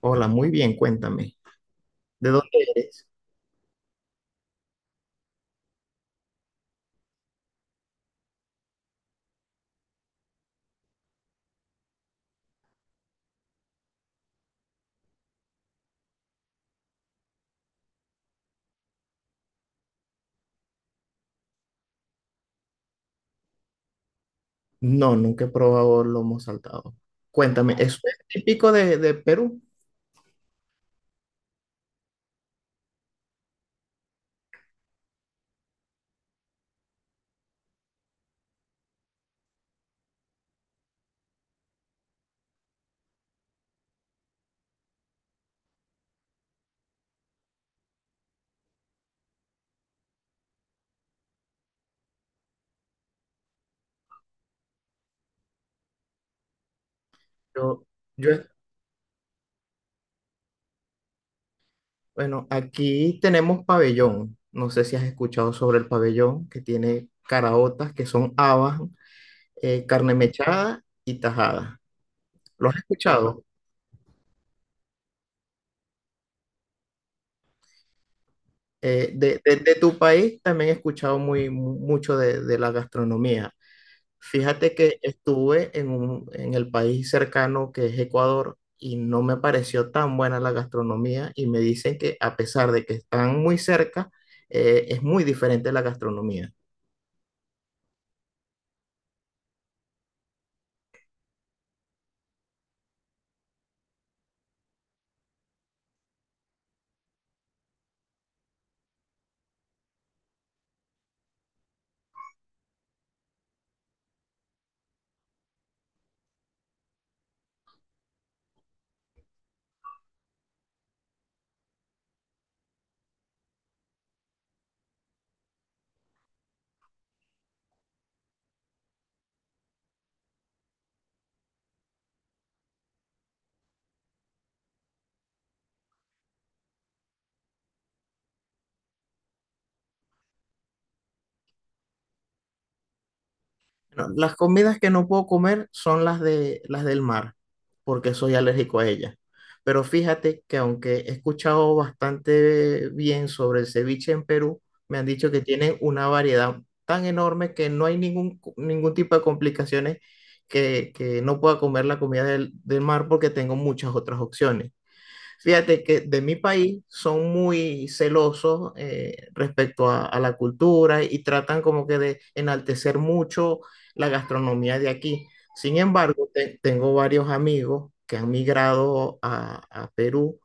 Hola, muy bien, cuéntame. ¿De dónde eres? No, nunca he probado lomo saltado. Cuéntame, ¿eso es típico de Perú? Yo, yo, bueno, aquí tenemos pabellón. No sé si has escuchado sobre el pabellón, que tiene caraotas, que son habas, carne mechada y tajada. ¿Lo has escuchado? De tu país también he escuchado mucho de la gastronomía. Fíjate que estuve en en el país cercano que es Ecuador y no me pareció tan buena la gastronomía y me dicen que a pesar de que están muy cerca, es muy diferente la gastronomía. No, las comidas que no puedo comer son las del mar, porque soy alérgico a ellas. Pero fíjate que aunque he escuchado bastante bien sobre el ceviche en Perú, me han dicho que tienen una variedad tan enorme que no hay ningún tipo de complicaciones que no pueda comer la comida del mar porque tengo muchas otras opciones. Fíjate que de mi país son muy celosos respecto a la cultura y tratan como que de enaltecer mucho la gastronomía de aquí. Sin embargo, tengo varios amigos que han migrado a Perú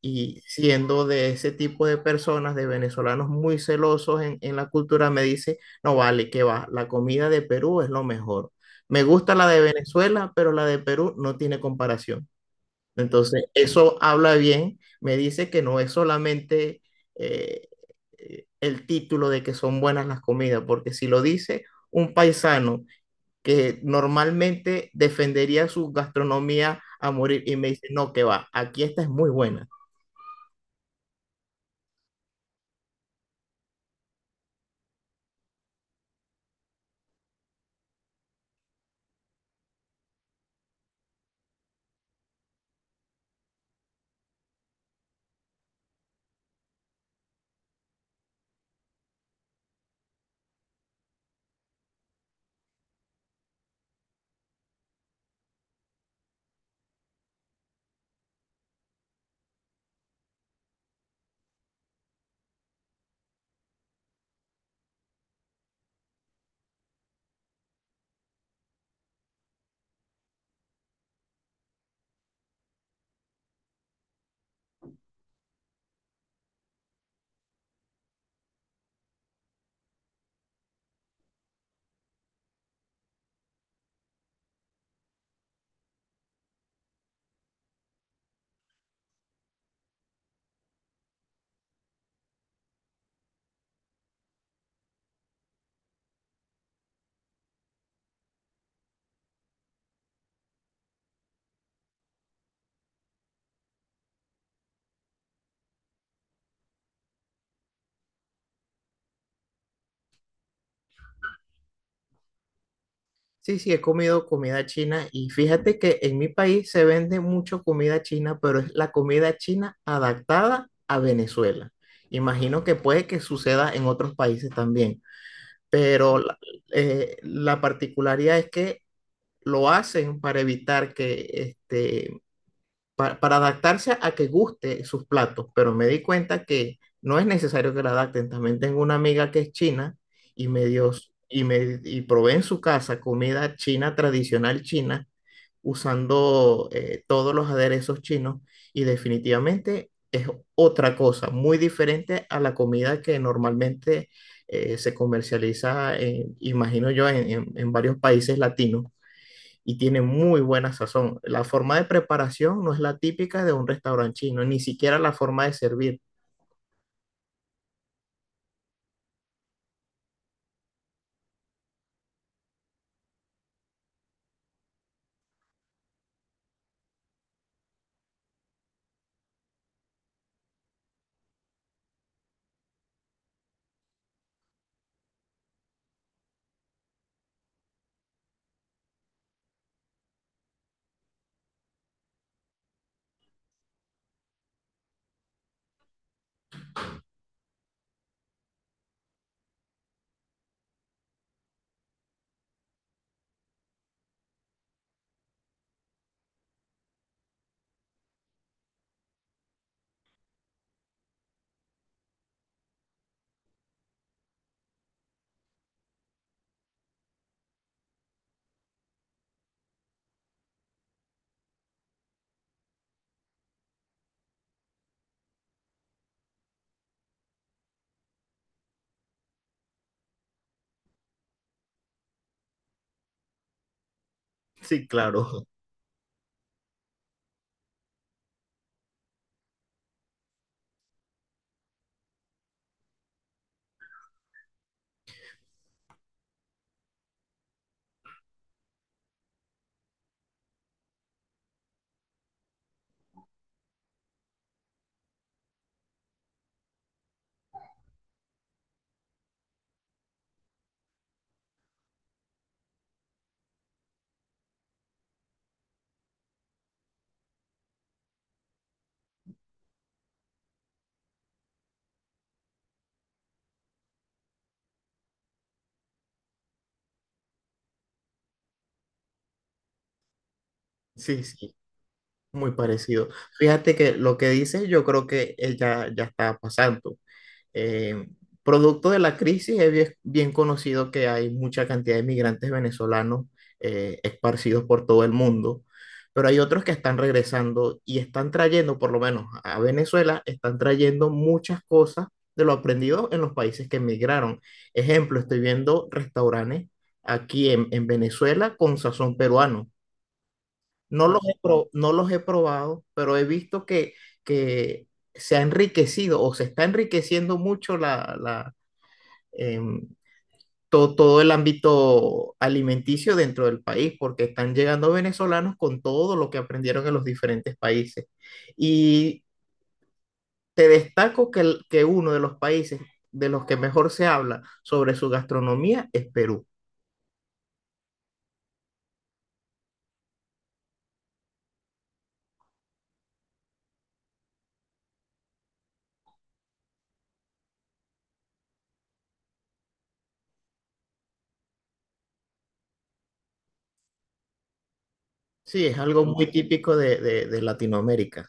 y siendo de ese tipo de personas, de venezolanos muy celosos en la cultura, me dice, no vale, que va, la comida de Perú es lo mejor. Me gusta la de Venezuela, pero la de Perú no tiene comparación. Entonces, eso habla bien, me dice que no es solamente eh, el título de que son buenas las comidas, porque si lo dice un paisano que normalmente defendería su gastronomía a morir y me dice, no, que va, aquí esta es muy buena. Sí, sí, he comido comida china y fíjate que en mi país se vende mucho comida china, pero es la comida china adaptada a Venezuela. Imagino que puede que suceda en otros países también. Pero la particularidad es que lo hacen para evitar que, este, para adaptarse a que guste sus platos, pero me di cuenta que no es necesario que la adapten. También tengo una amiga que es china y me dio, y y probé en su casa comida china tradicional china usando todos los aderezos chinos y definitivamente es otra cosa, muy diferente a la comida que normalmente se comercializa, imagino yo, en, en varios países latinos y tiene muy buena sazón. La forma de preparación no es la típica de un restaurante chino, ni siquiera la forma de servir. Sí, claro, sí, sí, muy parecido. Fíjate que lo que dices yo creo que ya está pasando. Eh, producto de la crisis, es bien conocido que hay mucha cantidad de migrantes venezolanos esparcidos por todo el mundo, pero hay otros que están regresando y están trayendo, por lo menos a Venezuela, están trayendo muchas cosas de lo aprendido en los países que emigraron. Ejemplo, estoy viendo restaurantes aquí en Venezuela con sazón peruano. No los he probado, pero he visto que se ha enriquecido o se está enriqueciendo mucho em, todo el ámbito alimenticio dentro del país, porque están llegando venezolanos con todo lo que aprendieron en los diferentes países. Y te destaco que uno de los países de los que mejor se habla sobre su gastronomía es Perú. Sí, es algo muy típico de Latinoamérica,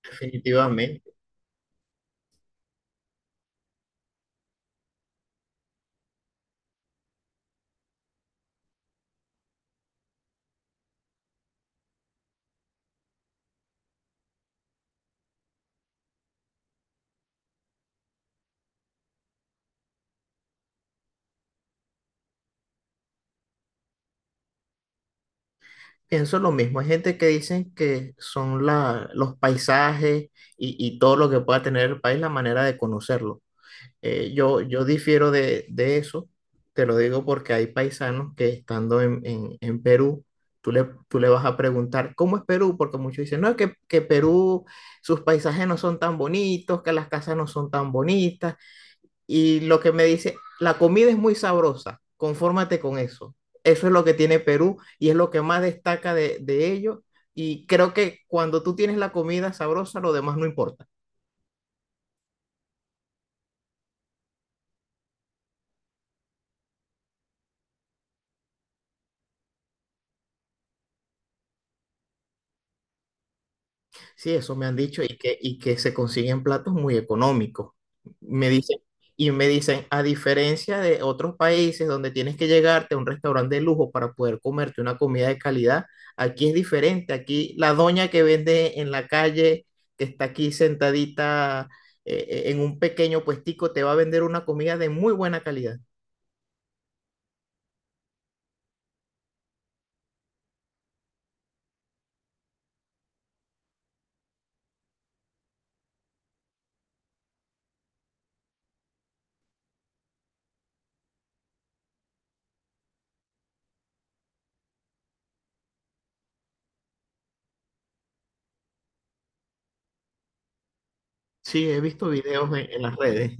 definitivamente. Pienso lo mismo, hay gente que dicen que son los paisajes y todo lo que pueda tener el país la manera de conocerlo. Yo difiero de eso, te lo digo porque hay paisanos que estando en, en Perú, tú le vas a preguntar, ¿cómo es Perú? Porque muchos dicen, no, que Perú, sus paisajes no son tan bonitos, que las casas no son tan bonitas, y lo que me dice, la comida es muy sabrosa, confórmate con eso. Eso es lo que tiene Perú y es lo que más destaca de ello. Y creo que cuando tú tienes la comida sabrosa, lo demás no importa. Sí, eso me han dicho y que se consiguen platos muy económicos. Me dicen, Me dicen, a diferencia de otros países donde tienes que llegarte a un restaurante de lujo para poder comerte una comida de calidad, aquí es diferente. Aquí la doña que vende en la calle, que está aquí sentadita en un pequeño puestico, te va a vender una comida de muy buena calidad. Sí, he visto videos en las redes.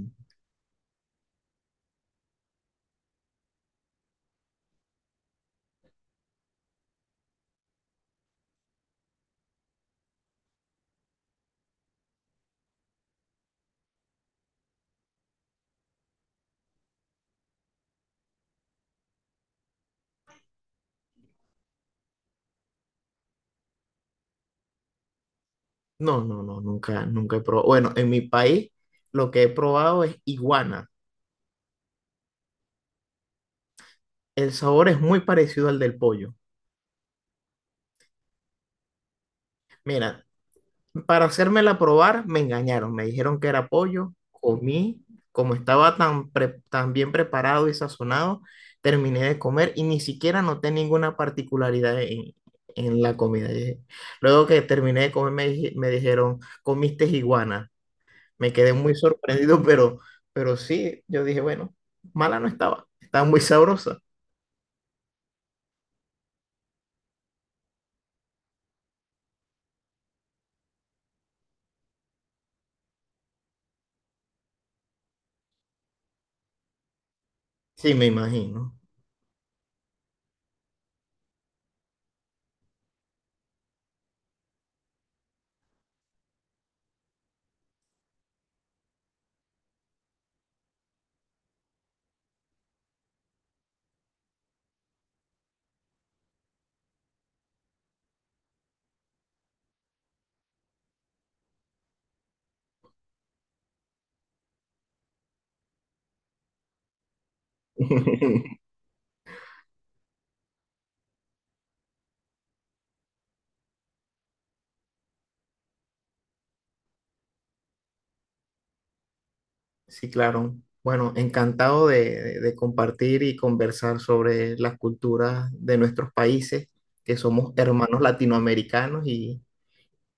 Nunca he probado. Bueno, en mi país lo que he probado es iguana. El sabor es muy parecido al del pollo. Mira, para hacérmela probar, me engañaron. Me dijeron que era pollo. Comí, como estaba tan bien preparado y sazonado, terminé de comer y ni siquiera noté ninguna particularidad en la comida. Y luego que terminé de comer, me dijeron, comiste iguana. Me quedé muy sorprendido, pero sí, yo dije, bueno, mala no estaba. Estaba muy sabrosa. Sí, me imagino. Sí, claro. Bueno, encantado de compartir y conversar sobre las culturas de nuestros países, que somos hermanos latinoamericanos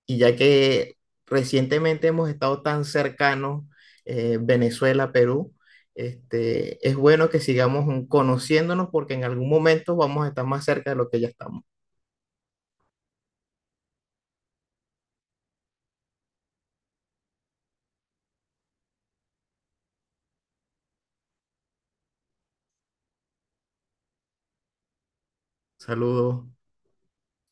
y ya que recientemente hemos estado tan cercanos, Venezuela, Perú, este, es bueno que sigamos conociéndonos porque en algún momento vamos a estar más cerca de lo que ya estamos. Saludos.